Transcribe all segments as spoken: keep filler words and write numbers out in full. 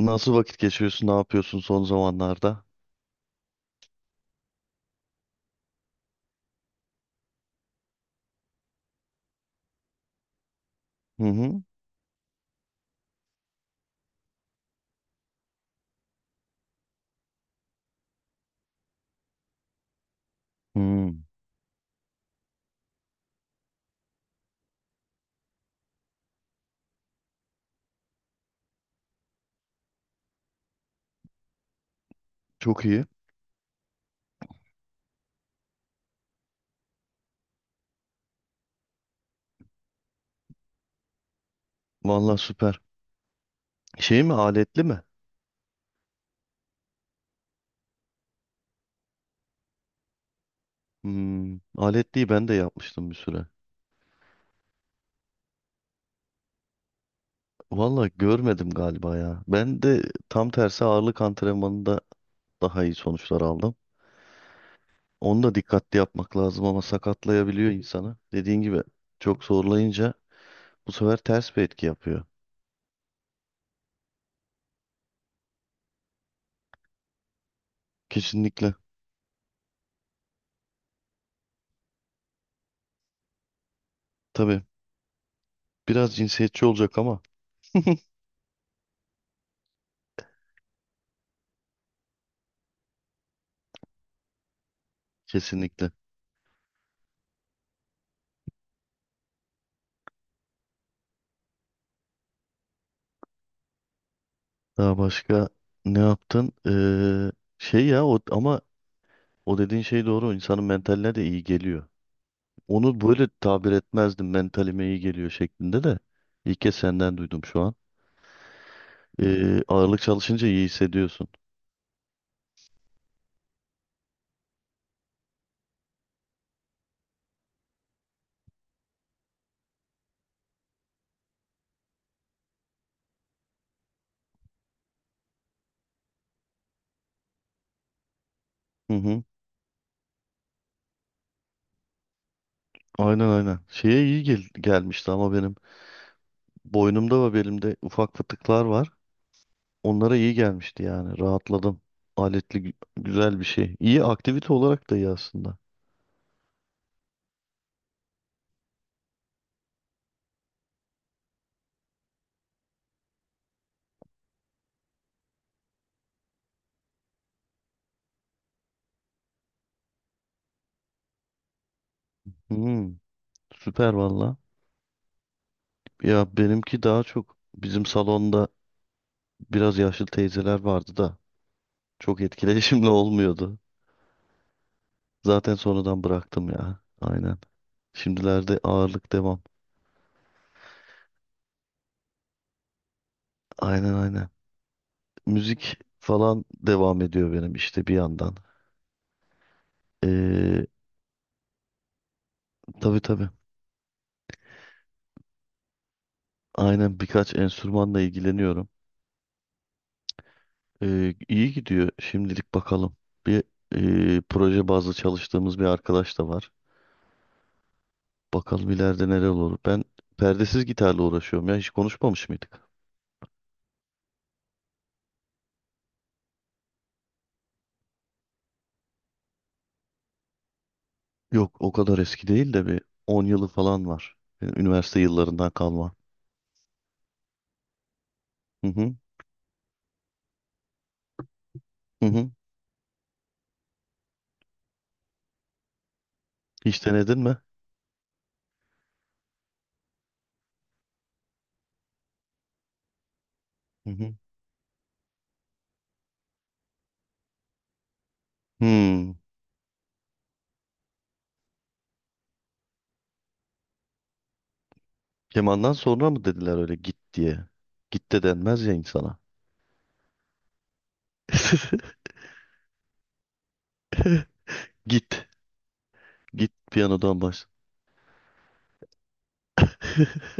Nasıl vakit geçiriyorsun? Ne yapıyorsun son zamanlarda? Hı hı. Hmm. Çok iyi. Vallahi süper. Şey mi? Aletli mi? Hmm. Aletliyi ben de yapmıştım bir süre. Vallahi görmedim galiba ya. Ben de tam tersi ağırlık antrenmanında daha iyi sonuçlar aldım. Onu da dikkatli yapmak lazım ama sakatlayabiliyor insanı. Dediğin gibi çok zorlayınca bu sefer ters bir etki yapıyor. Kesinlikle. Tabii biraz cinsiyetçi olacak ama kesinlikle. Daha başka ne yaptın? Ee, şey ya, o ama o dediğin şey doğru. İnsanın mentaline de iyi geliyor. Onu böyle tabir etmezdim. Mentalime iyi geliyor şeklinde de. İlk kez senden duydum şu an. Ee, ağırlık çalışınca iyi hissediyorsun. Hı hı. Aynen, aynen. Şeye iyi gel gelmişti ama benim boynumda ve belimde ufak fıtıklar var. Onlara iyi gelmişti yani. Rahatladım. Aletli gü- güzel bir şey. İyi aktivite olarak da iyi aslında. Hı, süper valla. Ya benimki daha çok bizim salonda biraz yaşlı teyzeler vardı da çok etkileşimli olmuyordu. Zaten sonradan bıraktım ya. Aynen. Şimdilerde ağırlık devam. Aynen, aynen. Müzik falan devam ediyor benim işte bir yandan. Ee, tabii, tabii. Aynen, birkaç enstrümanla ilgileniyorum. Ee, iyi gidiyor şimdilik bakalım. Bir e, proje bazlı çalıştığımız bir arkadaş da var. Bakalım ileride neler olur. Ben perdesiz gitarla uğraşıyorum ya. Hiç konuşmamış mıydık? Yok, o kadar eski değil de bir on yılı falan var. Yani üniversite yıllarından kalma. Hı hı, hı hı. Hiç denedin mi? Hı hı. Hmm. Kemandan sonra mı dediler öyle git diye? Git de denmez ya insana. Git. Git piyanodan baş.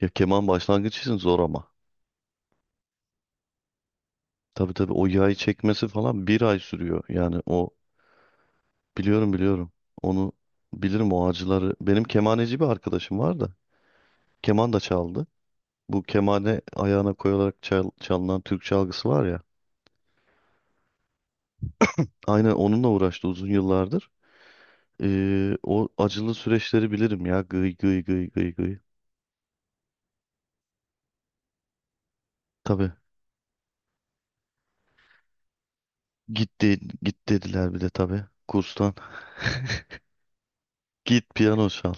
Ya keman başlangıç için zor ama. Tabii, tabii, o yayı çekmesi falan bir ay sürüyor. Yani o biliyorum, biliyorum. Onu bilirim, o acıları. Benim kemaneci bir arkadaşım var da. Keman da çaldı. Bu kemane ayağına koyarak çal- çalınan Türk çalgısı var ya. Aynen, onunla uğraştı uzun yıllardır. Ee, o acılı süreçleri bilirim ya. Gıy gıy gıy gıy gıy. Tabii. Git, de- git dediler bir de tabii. Kurstan. Git piyano çal.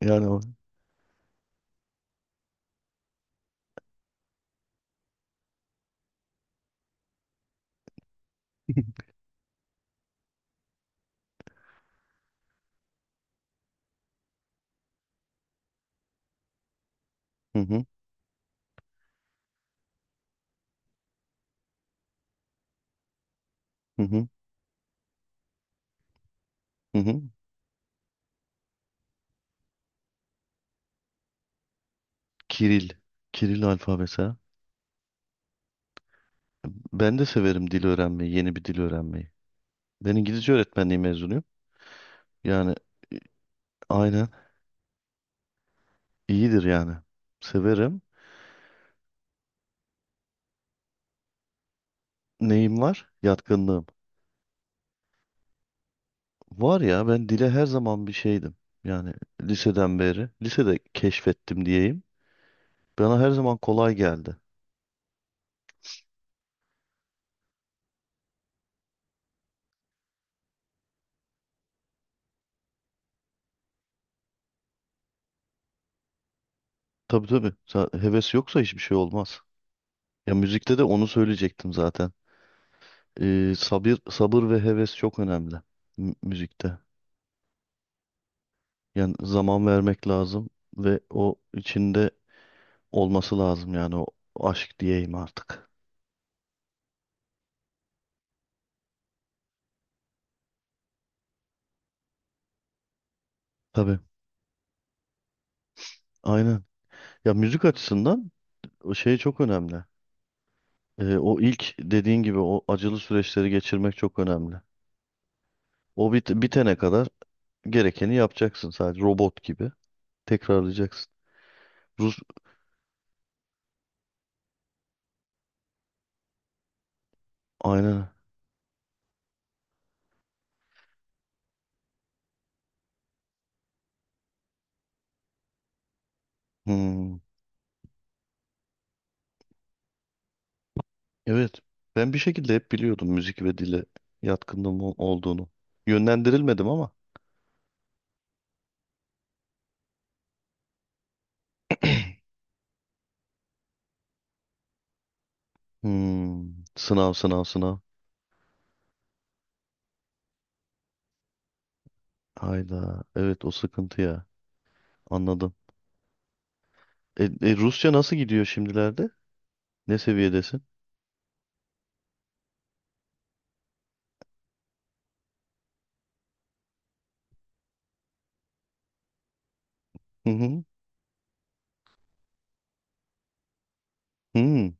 Yani o. Hı hı, hı hı, hı. Hı. Kiril. Kiril alfabesi. Ha. Ben de severim dil öğrenmeyi, yeni bir dil öğrenmeyi. Ben İngilizce öğretmenliği mezunuyum. Yani, aynen, iyidir yani. Severim. Neyim var? Yatkınlığım. Var ya, ben dile her zaman bir şeydim. Yani liseden beri. Lisede keşfettim diyeyim. Bana her zaman kolay geldi. Tabii, tabii. Sa- Heves yoksa hiçbir şey olmaz. Ya müzikte de onu söyleyecektim zaten. Ee, sabır, sabır ve heves çok önemli mü- müzikte. Yani zaman vermek lazım ve o içinde olması lazım, yani o aşk diyeyim artık. Tabii. Aynen. Ya müzik açısından o şey çok önemli. Ee, o ilk dediğin gibi, o acılı süreçleri geçirmek çok önemli. O bit bitene kadar gerekeni yapacaksın, sadece robot gibi. Tekrarlayacaksın. Rus aynen. Hmm. Evet. Ben bir şekilde hep biliyordum müzik ve dile yatkınlığım ol- olduğunu. Yönlendirilmedim ama. Hmm. Sınav, sınav, sınav. Hayda. Evet, o sıkıntı ya. Anladım. E, e, Rusça nasıl gidiyor şimdilerde? Ne seviyedesin? Hı hı. Hmm.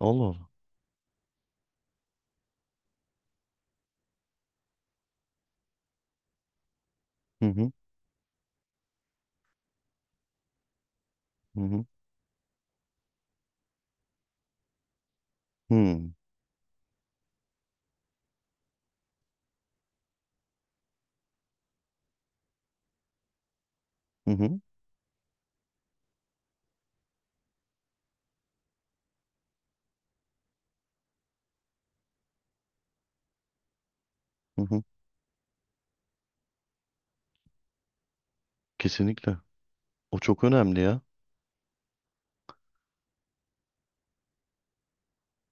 Allah Allah. Hı hı. Hı hı. Hmm. Hı hı. Hı hı. Kesinlikle. O çok önemli ya.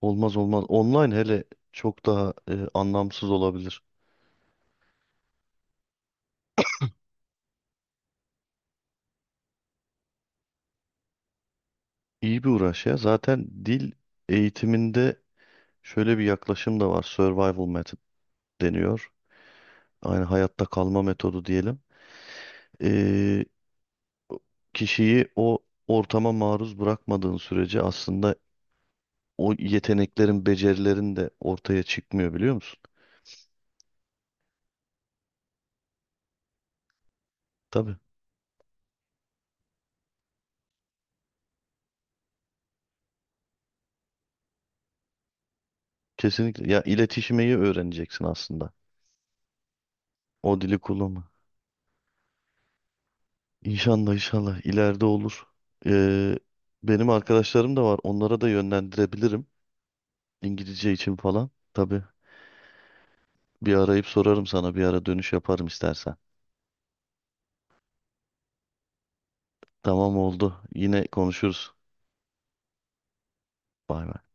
Olmaz, olmaz. Online hele çok daha e, anlamsız olabilir. İyi bir uğraş ya. Zaten dil eğitiminde şöyle bir yaklaşım da var. Survival method deniyor. Aynı hayatta kalma metodu diyelim. E, Kişiyi o ortama maruz bırakmadığın sürece aslında o yeteneklerin, becerilerin de ortaya çıkmıyor, biliyor musun? Tabii. Kesinlikle. Ya iletişimeyi öğreneceksin aslında. O dili kullanma. İnşallah, inşallah ileride olur. Ee, Benim arkadaşlarım da var. Onlara da yönlendirebilirim. İngilizce için falan. Tabii, bir arayıp sorarım sana. Bir ara dönüş yaparım istersen. Tamam oldu. Yine konuşuruz. Bay bay.